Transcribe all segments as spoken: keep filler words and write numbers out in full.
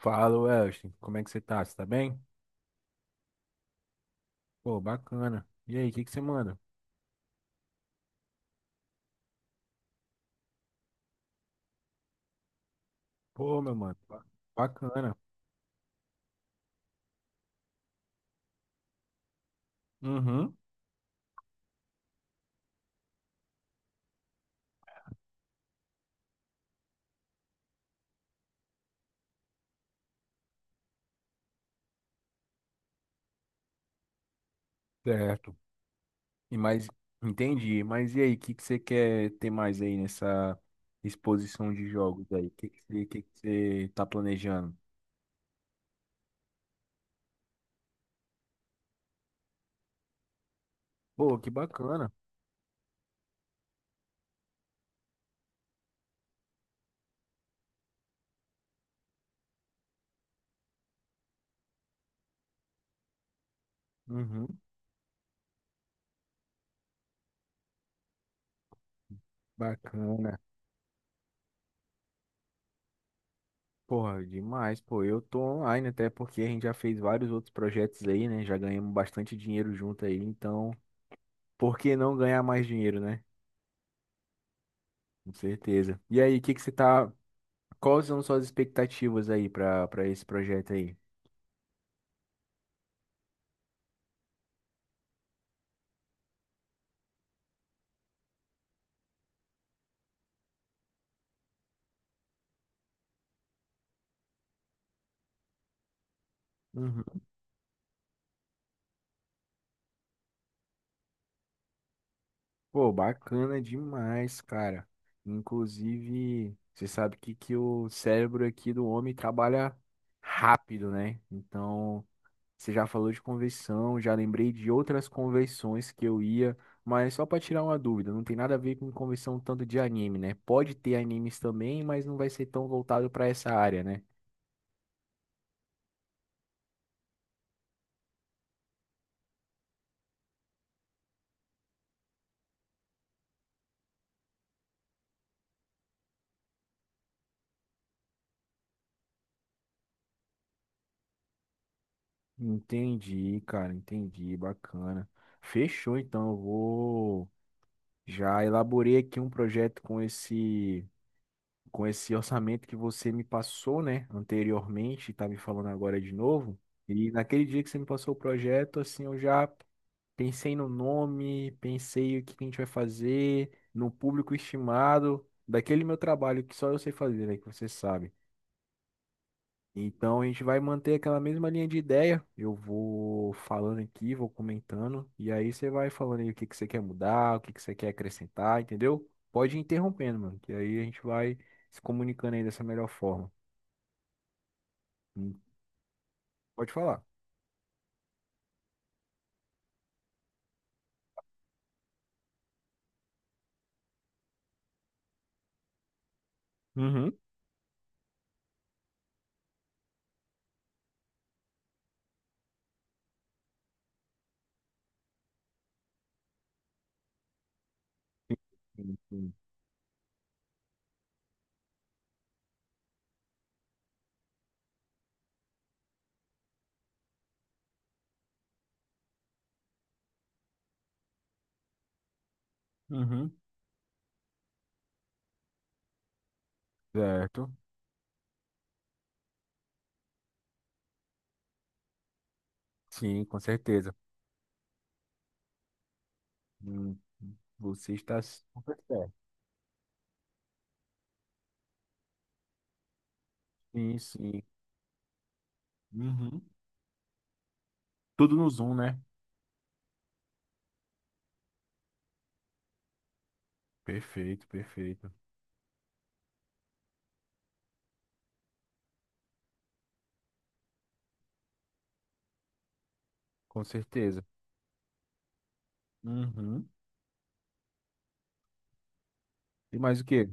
Fala, Welston. Como é que você tá? Você tá bem? Pô, bacana. E aí, o que que você manda? Pô, meu mano, ba- bacana. Uhum, certo. E mais, entendi. Mas e aí, o que que você quer ter mais aí nessa exposição de jogos aí? O que que você, que que você tá planejando? Pô, que bacana. Uhum, bacana. Porra, demais, pô. Eu tô online até porque a gente já fez vários outros projetos aí, né? Já ganhamos bastante dinheiro junto aí, então, por que não ganhar mais dinheiro, né? Com certeza. E aí, o que que você tá. Quais são suas expectativas aí para para esse projeto aí? Uhum. Pô, bacana demais, cara. Inclusive, você sabe que, que o cérebro aqui do homem trabalha rápido, né? Então, você já falou de convenção, já lembrei de outras convenções que eu ia, mas só para tirar uma dúvida, não tem nada a ver com convenção tanto de anime, né? Pode ter animes também, mas não vai ser tão voltado para essa área, né? Entendi, cara, entendi, bacana. Fechou, então, eu vou já elaborei aqui um projeto com esse com esse orçamento que você me passou, né, anteriormente, tá me falando agora de novo. E naquele dia que você me passou o projeto, assim, eu já pensei no nome, pensei o que que a gente vai fazer, no público estimado, daquele meu trabalho que só eu sei fazer, né, que você sabe. Então a gente vai manter aquela mesma linha de ideia. Eu vou falando aqui, vou comentando, e aí você vai falando aí o que que você quer mudar, o que que você quer acrescentar, entendeu? Pode ir interrompendo, mano, que aí a gente vai se comunicando aí dessa melhor forma. Hum. Pode falar. Uhum. Sim, sim. Uhum, certo. Sim, com certeza. Hum. Você está super certo. Sim, sim. Uhum. Tudo no Zoom, né? Perfeito, perfeito. Com certeza. Uhum. E mais o quê?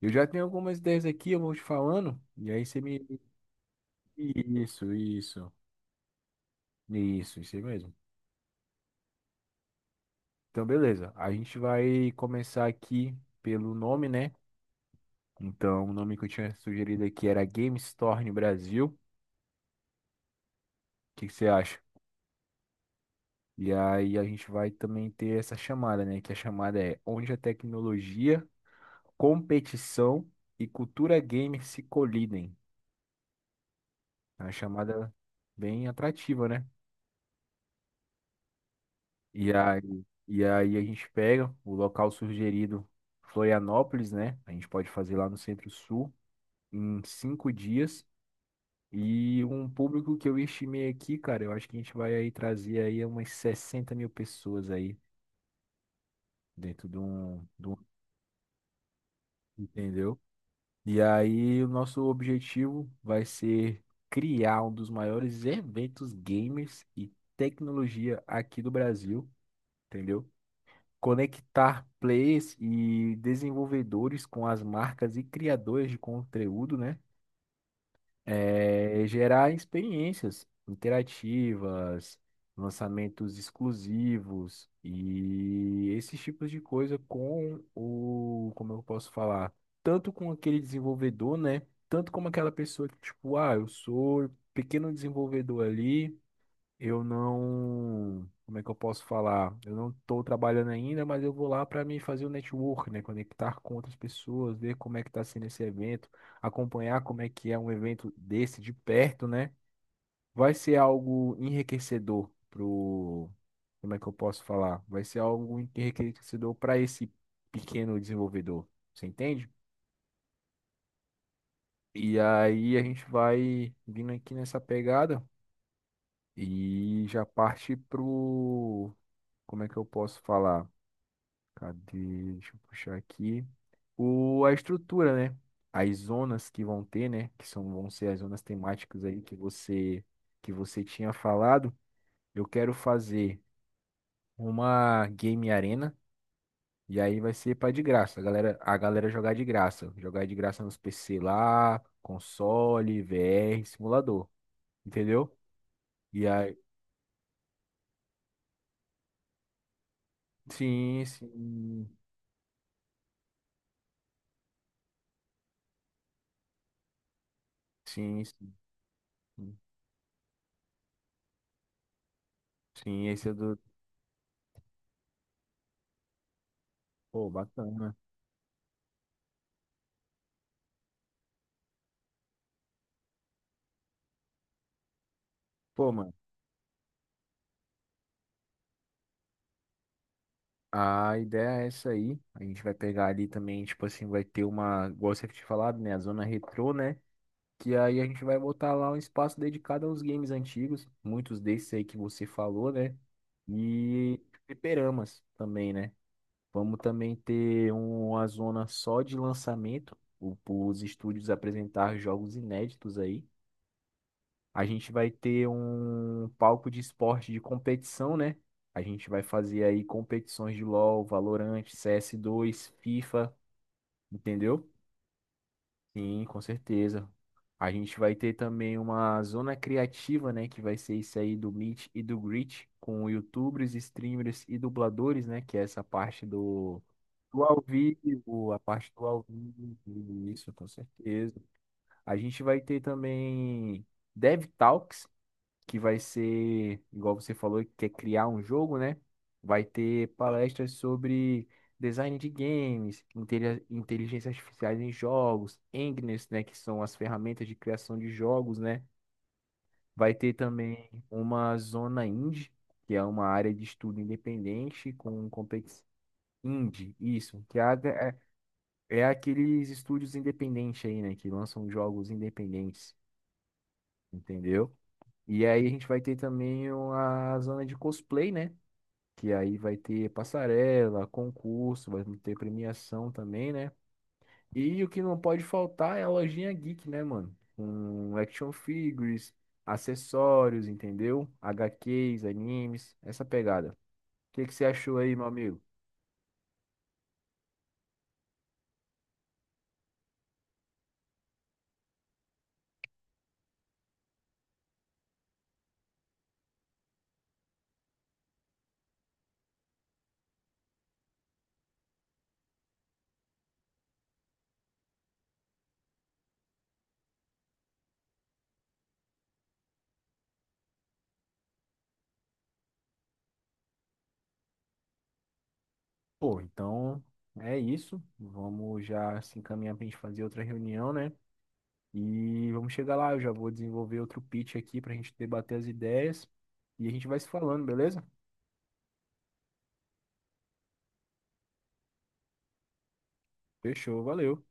Eu já tenho algumas ideias aqui, eu vou te falando. E aí você me. Isso, isso. Isso, isso aí mesmo. Então, beleza. A gente vai começar aqui pelo nome, né? Então, o nome que eu tinha sugerido aqui era Game Store no Brasil. O que que você acha? E aí a gente vai também ter essa chamada, né? Que a chamada é Onde a Tecnologia, Competição e Cultura Gamer se colidem. É uma chamada bem atrativa, né? E aí, e aí a gente pega o local sugerido, Florianópolis, né? A gente pode fazer lá no Centro-Sul em cinco dias. E um público que eu estimei aqui, cara, eu acho que a gente vai aí trazer aí umas sessenta mil pessoas aí dentro de um, de um, entendeu? E aí o nosso objetivo vai ser criar um dos maiores eventos gamers e tecnologia aqui do Brasil, entendeu? Conectar players e desenvolvedores com as marcas e criadores de conteúdo, né? É, gerar experiências interativas, lançamentos exclusivos e esses tipos de coisa com o, como eu posso falar, tanto com aquele desenvolvedor, né? Tanto como aquela pessoa que, tipo, ah, eu sou pequeno desenvolvedor ali. Eu não, como é que eu posso falar? Eu não estou trabalhando ainda, mas eu vou lá para me fazer o network, né? Conectar com outras pessoas, ver como é que está sendo esse evento, acompanhar como é que é um evento desse de perto, né? Vai ser algo enriquecedor pro, como é que eu posso falar? Vai ser algo enriquecedor para esse pequeno desenvolvedor, você entende? E aí a gente vai vindo aqui nessa pegada e já parte pro como é que eu posso falar? Cadê? Deixa eu puxar aqui. O, a estrutura, né? As zonas que vão ter, né? Que são, vão ser as zonas temáticas aí que você, que você tinha falado. Eu quero fazer uma game arena. E aí vai ser para de graça. A galera, a galera jogar de graça. Jogar de graça nos P C lá, console, V R, simulador. Entendeu? E aí. Sim, sim. Sim, sim. Sim, esse é do. Pô, bacana. Pô, mano. A ideia é essa aí. A gente vai pegar ali também, tipo assim, vai ter uma, igual você tinha falado, né? A zona retrô, né? Que aí a gente vai botar lá um espaço dedicado aos games antigos, muitos desses aí que você falou, né? E fliperamas também, né? Vamos também ter uma zona só de lançamento, o- os estúdios apresentar jogos inéditos aí. A gente vai ter um palco de esporte de competição, né? A gente vai fazer aí competições de LoL, Valorant, cs dois, FIFA, entendeu? Sim, com certeza. A gente vai ter também uma zona criativa, né? Que vai ser isso aí do Meet e do Greet, com YouTubers, streamers e dubladores, né? Que é essa parte do, do ao vivo, a parte do ao vivo, isso, com certeza. A gente vai ter também dev talks que vai ser, igual você falou, que quer criar um jogo, né? Vai ter palestras sobre design de games, inteli- inteligência artificial em jogos, Engines, né, que são as ferramentas de criação de jogos, né? Vai ter também uma zona indie, que é uma área de estudo independente com competição indie, isso, que é, a- é é aqueles estúdios independentes aí, né, que lançam jogos independentes, entendeu? E aí a gente vai ter também o- a zona de cosplay, né? Que aí vai ter passarela, concurso, vai ter premiação também, né? E o que não pode faltar é a lojinha geek, né, mano? Com action figures, acessórios, entendeu? H Qs, animes, essa pegada. O que que você achou aí, meu amigo? Pô, então é isso. Vamos já se encaminhar pra gente fazer outra reunião, né? E vamos chegar lá, eu já vou desenvolver outro pitch aqui para a gente debater as ideias e a gente vai se falando, beleza? Fechou, valeu.